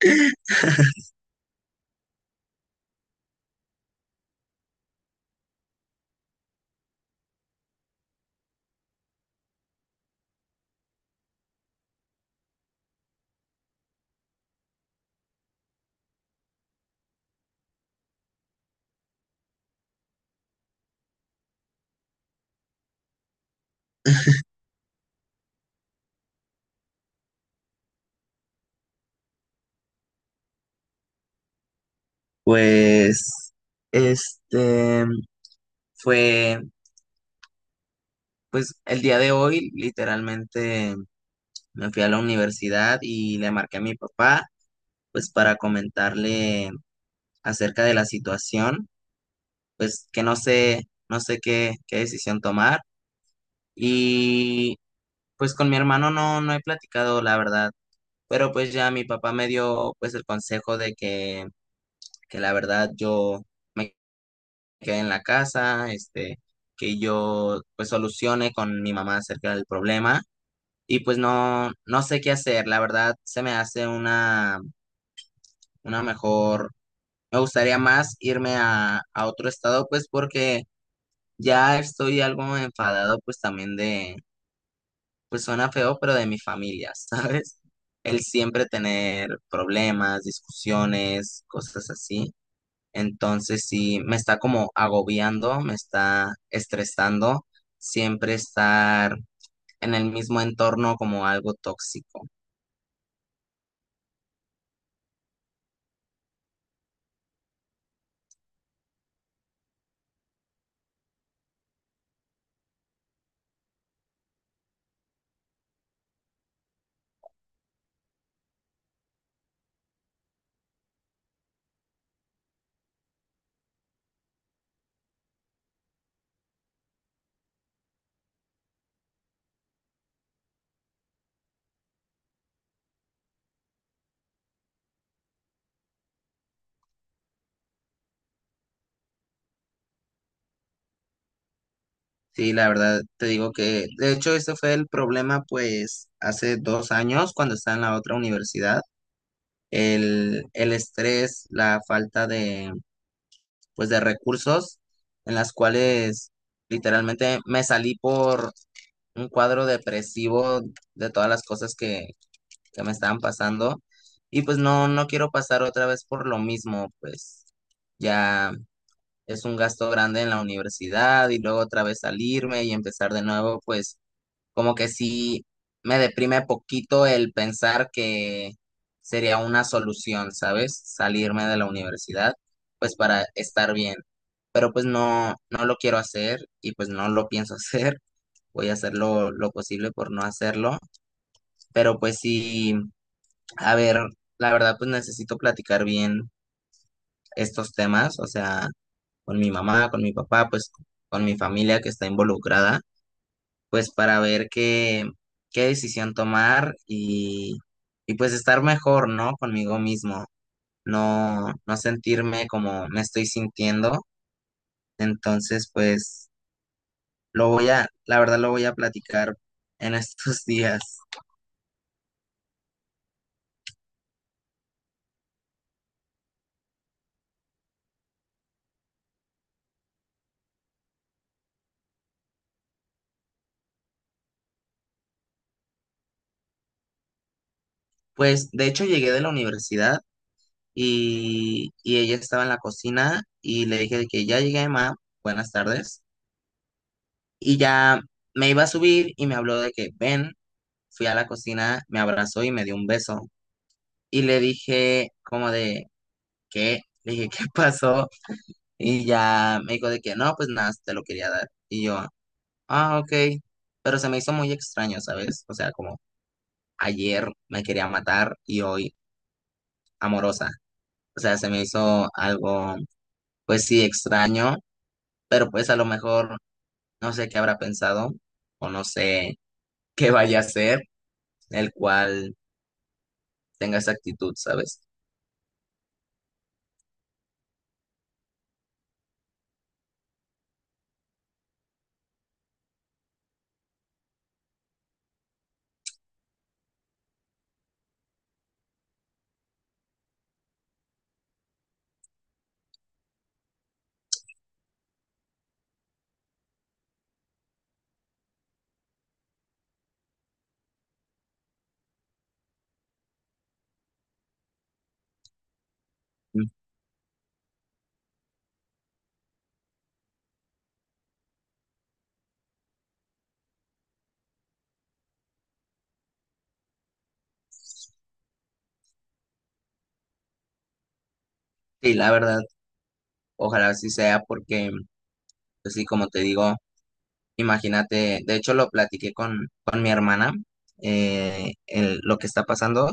Pues, este, fue, pues, el día de hoy literalmente me fui a la universidad y le marqué a mi papá, pues para comentarle acerca de la situación, pues que no sé qué, decisión tomar. Y pues con mi hermano no, no he platicado, la verdad, pero pues ya mi papá me dio pues el consejo de que la verdad yo... me quede en la casa, que yo pues solucione con mi mamá acerca del problema, y pues no, no sé qué hacer. La verdad se me hace una, mejor, me gustaría más irme a otro estado, pues porque ya estoy algo enfadado, pues también de, pues suena feo, pero de mi familia, ¿sabes? El siempre tener problemas, discusiones, cosas así. Entonces sí, me está como agobiando, me está estresando siempre estar en el mismo entorno, como algo tóxico. Sí, la verdad te digo que, de hecho, ese fue el problema pues hace 2 años cuando estaba en la otra universidad. El estrés, la falta de, pues, de recursos, en las cuales literalmente me salí por un cuadro depresivo, de todas las cosas que me estaban pasando. Y pues no, no quiero pasar otra vez por lo mismo, pues ya es un gasto grande en la universidad y luego otra vez salirme y empezar de nuevo. Pues como que sí me deprime poquito el pensar que sería una solución, ¿sabes? Salirme de la universidad, pues, para estar bien. Pero pues no, no lo quiero hacer y pues no lo pienso hacer. Voy a hacer lo posible por no hacerlo. Pero pues sí, a ver, la verdad, pues necesito platicar bien estos temas, o sea, con mi mamá, con mi papá, pues con mi familia que está involucrada, pues para ver qué decisión tomar, y pues estar mejor, ¿no? Conmigo mismo, no, no sentirme como me estoy sintiendo. Entonces, pues la verdad, lo voy a platicar en estos días. Pues de hecho llegué de la universidad y ella estaba en la cocina y le dije de que ya llegué, ma, buenas tardes. Y ya me iba a subir y me habló de que ven, fui a la cocina, me abrazó y me dio un beso. Y le dije como de, ¿qué? Le dije, ¿qué pasó? Y ya me dijo de que no, pues nada, te lo quería dar. Y yo, ah, ok. Pero se me hizo muy extraño, ¿sabes? O sea, como ayer me quería matar y hoy amorosa. O sea, se me hizo algo, pues sí, extraño. Pero pues a lo mejor no sé qué habrá pensado o no sé qué vaya a ser el cual tenga esa actitud, ¿sabes? Mm, sí, la verdad, ojalá así sea, porque, pues sí, como te digo, imagínate, de hecho lo platiqué con, mi hermana, lo que está pasando,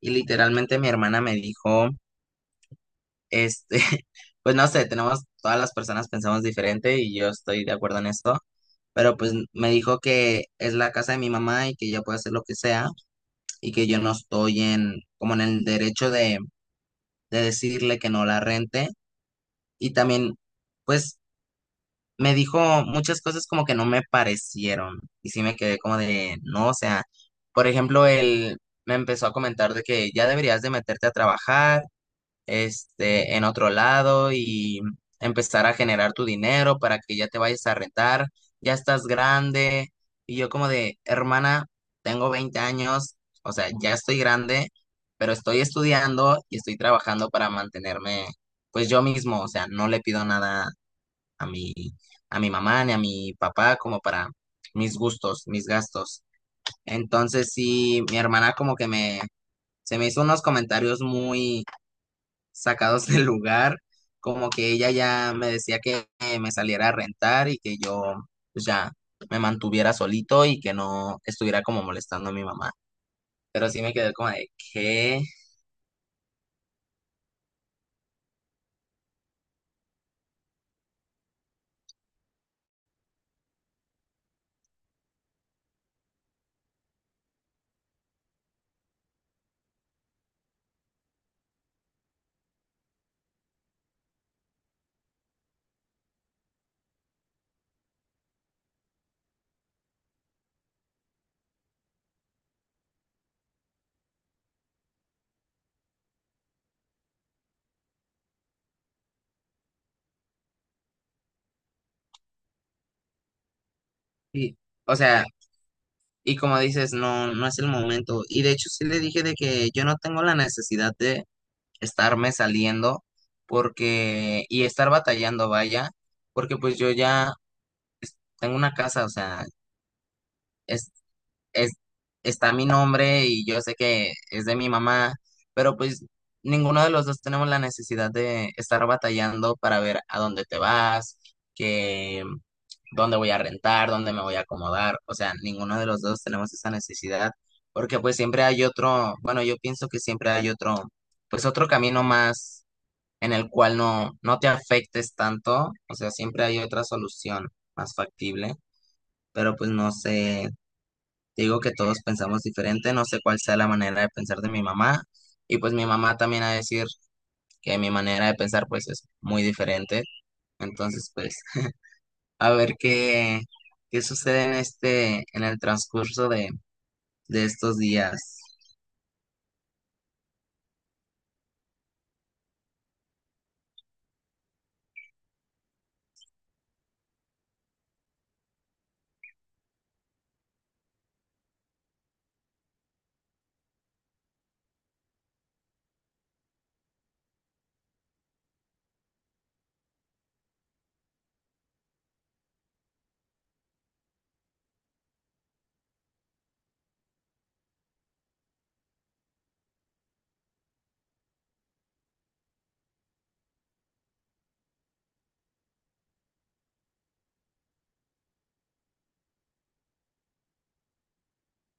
y literalmente mi hermana me dijo, este, pues no sé, tenemos, todas las personas pensamos diferente y yo estoy de acuerdo en esto. Pero pues me dijo que es la casa de mi mamá y que ella puede hacer lo que sea, y que yo no estoy en, como en el derecho de decirle que no la rente. Y también, pues, me dijo muchas cosas como que no me parecieron. Y sí me quedé como de, no, o sea, por ejemplo, él me empezó a comentar de que ya deberías de meterte a trabajar, en otro lado, y empezar a generar tu dinero para que ya te vayas a rentar, ya estás grande. Y yo como de, hermana, tengo 20 años, o sea, ya estoy grande, pero estoy estudiando y estoy trabajando para mantenerme, pues, yo mismo, o sea, no le pido nada a mi, a mi mamá ni a mi papá, como para mis gustos, mis gastos. Entonces sí, mi hermana como que me, se me hizo unos comentarios muy sacados del lugar, como que ella ya me decía que me saliera a rentar y que yo, pues, ya me mantuviera solito y que no estuviera como molestando a mi mamá. Pero sí me quedé como de que, o sea, y como dices, no, no es el momento. Y de hecho sí le dije de que yo no tengo la necesidad de estarme saliendo, porque, y estar batallando, vaya, porque pues yo ya tengo una casa, o sea, es, es, está mi nombre y yo sé que es de mi mamá, pero pues ninguno de los dos tenemos la necesidad de estar batallando para ver a dónde te vas, que dónde voy a rentar, dónde me voy a acomodar. O sea, ninguno de los dos tenemos esa necesidad, porque pues siempre hay otro, bueno, yo pienso que siempre hay otro, pues otro camino más en el cual no, no te afectes tanto. O sea, siempre hay otra solución más factible, pero pues no sé. Digo que todos pensamos diferente, no sé cuál sea la manera de pensar de mi mamá, y pues mi mamá también a decir que mi manera de pensar, pues, es muy diferente. Entonces pues a ver qué, sucede en el transcurso de estos días.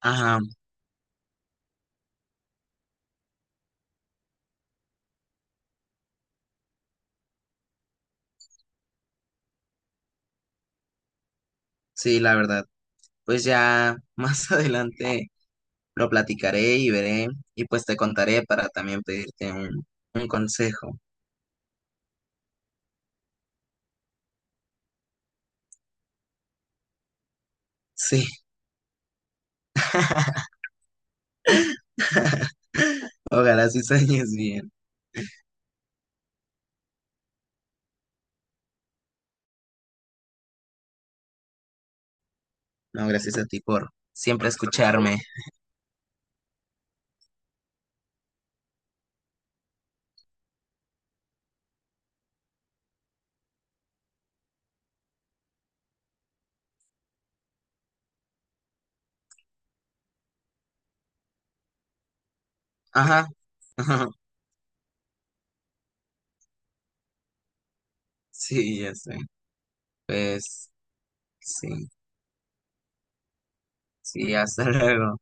Ajá, sí, la verdad. Pues ya más adelante lo platicaré y veré, y pues te contaré para también pedirte un consejo. Sí, ojalá sí sueñes bien. No, gracias a ti por siempre escucharme. Ajá, ajá, sí, ya sé. Pues sí, sí, hasta luego.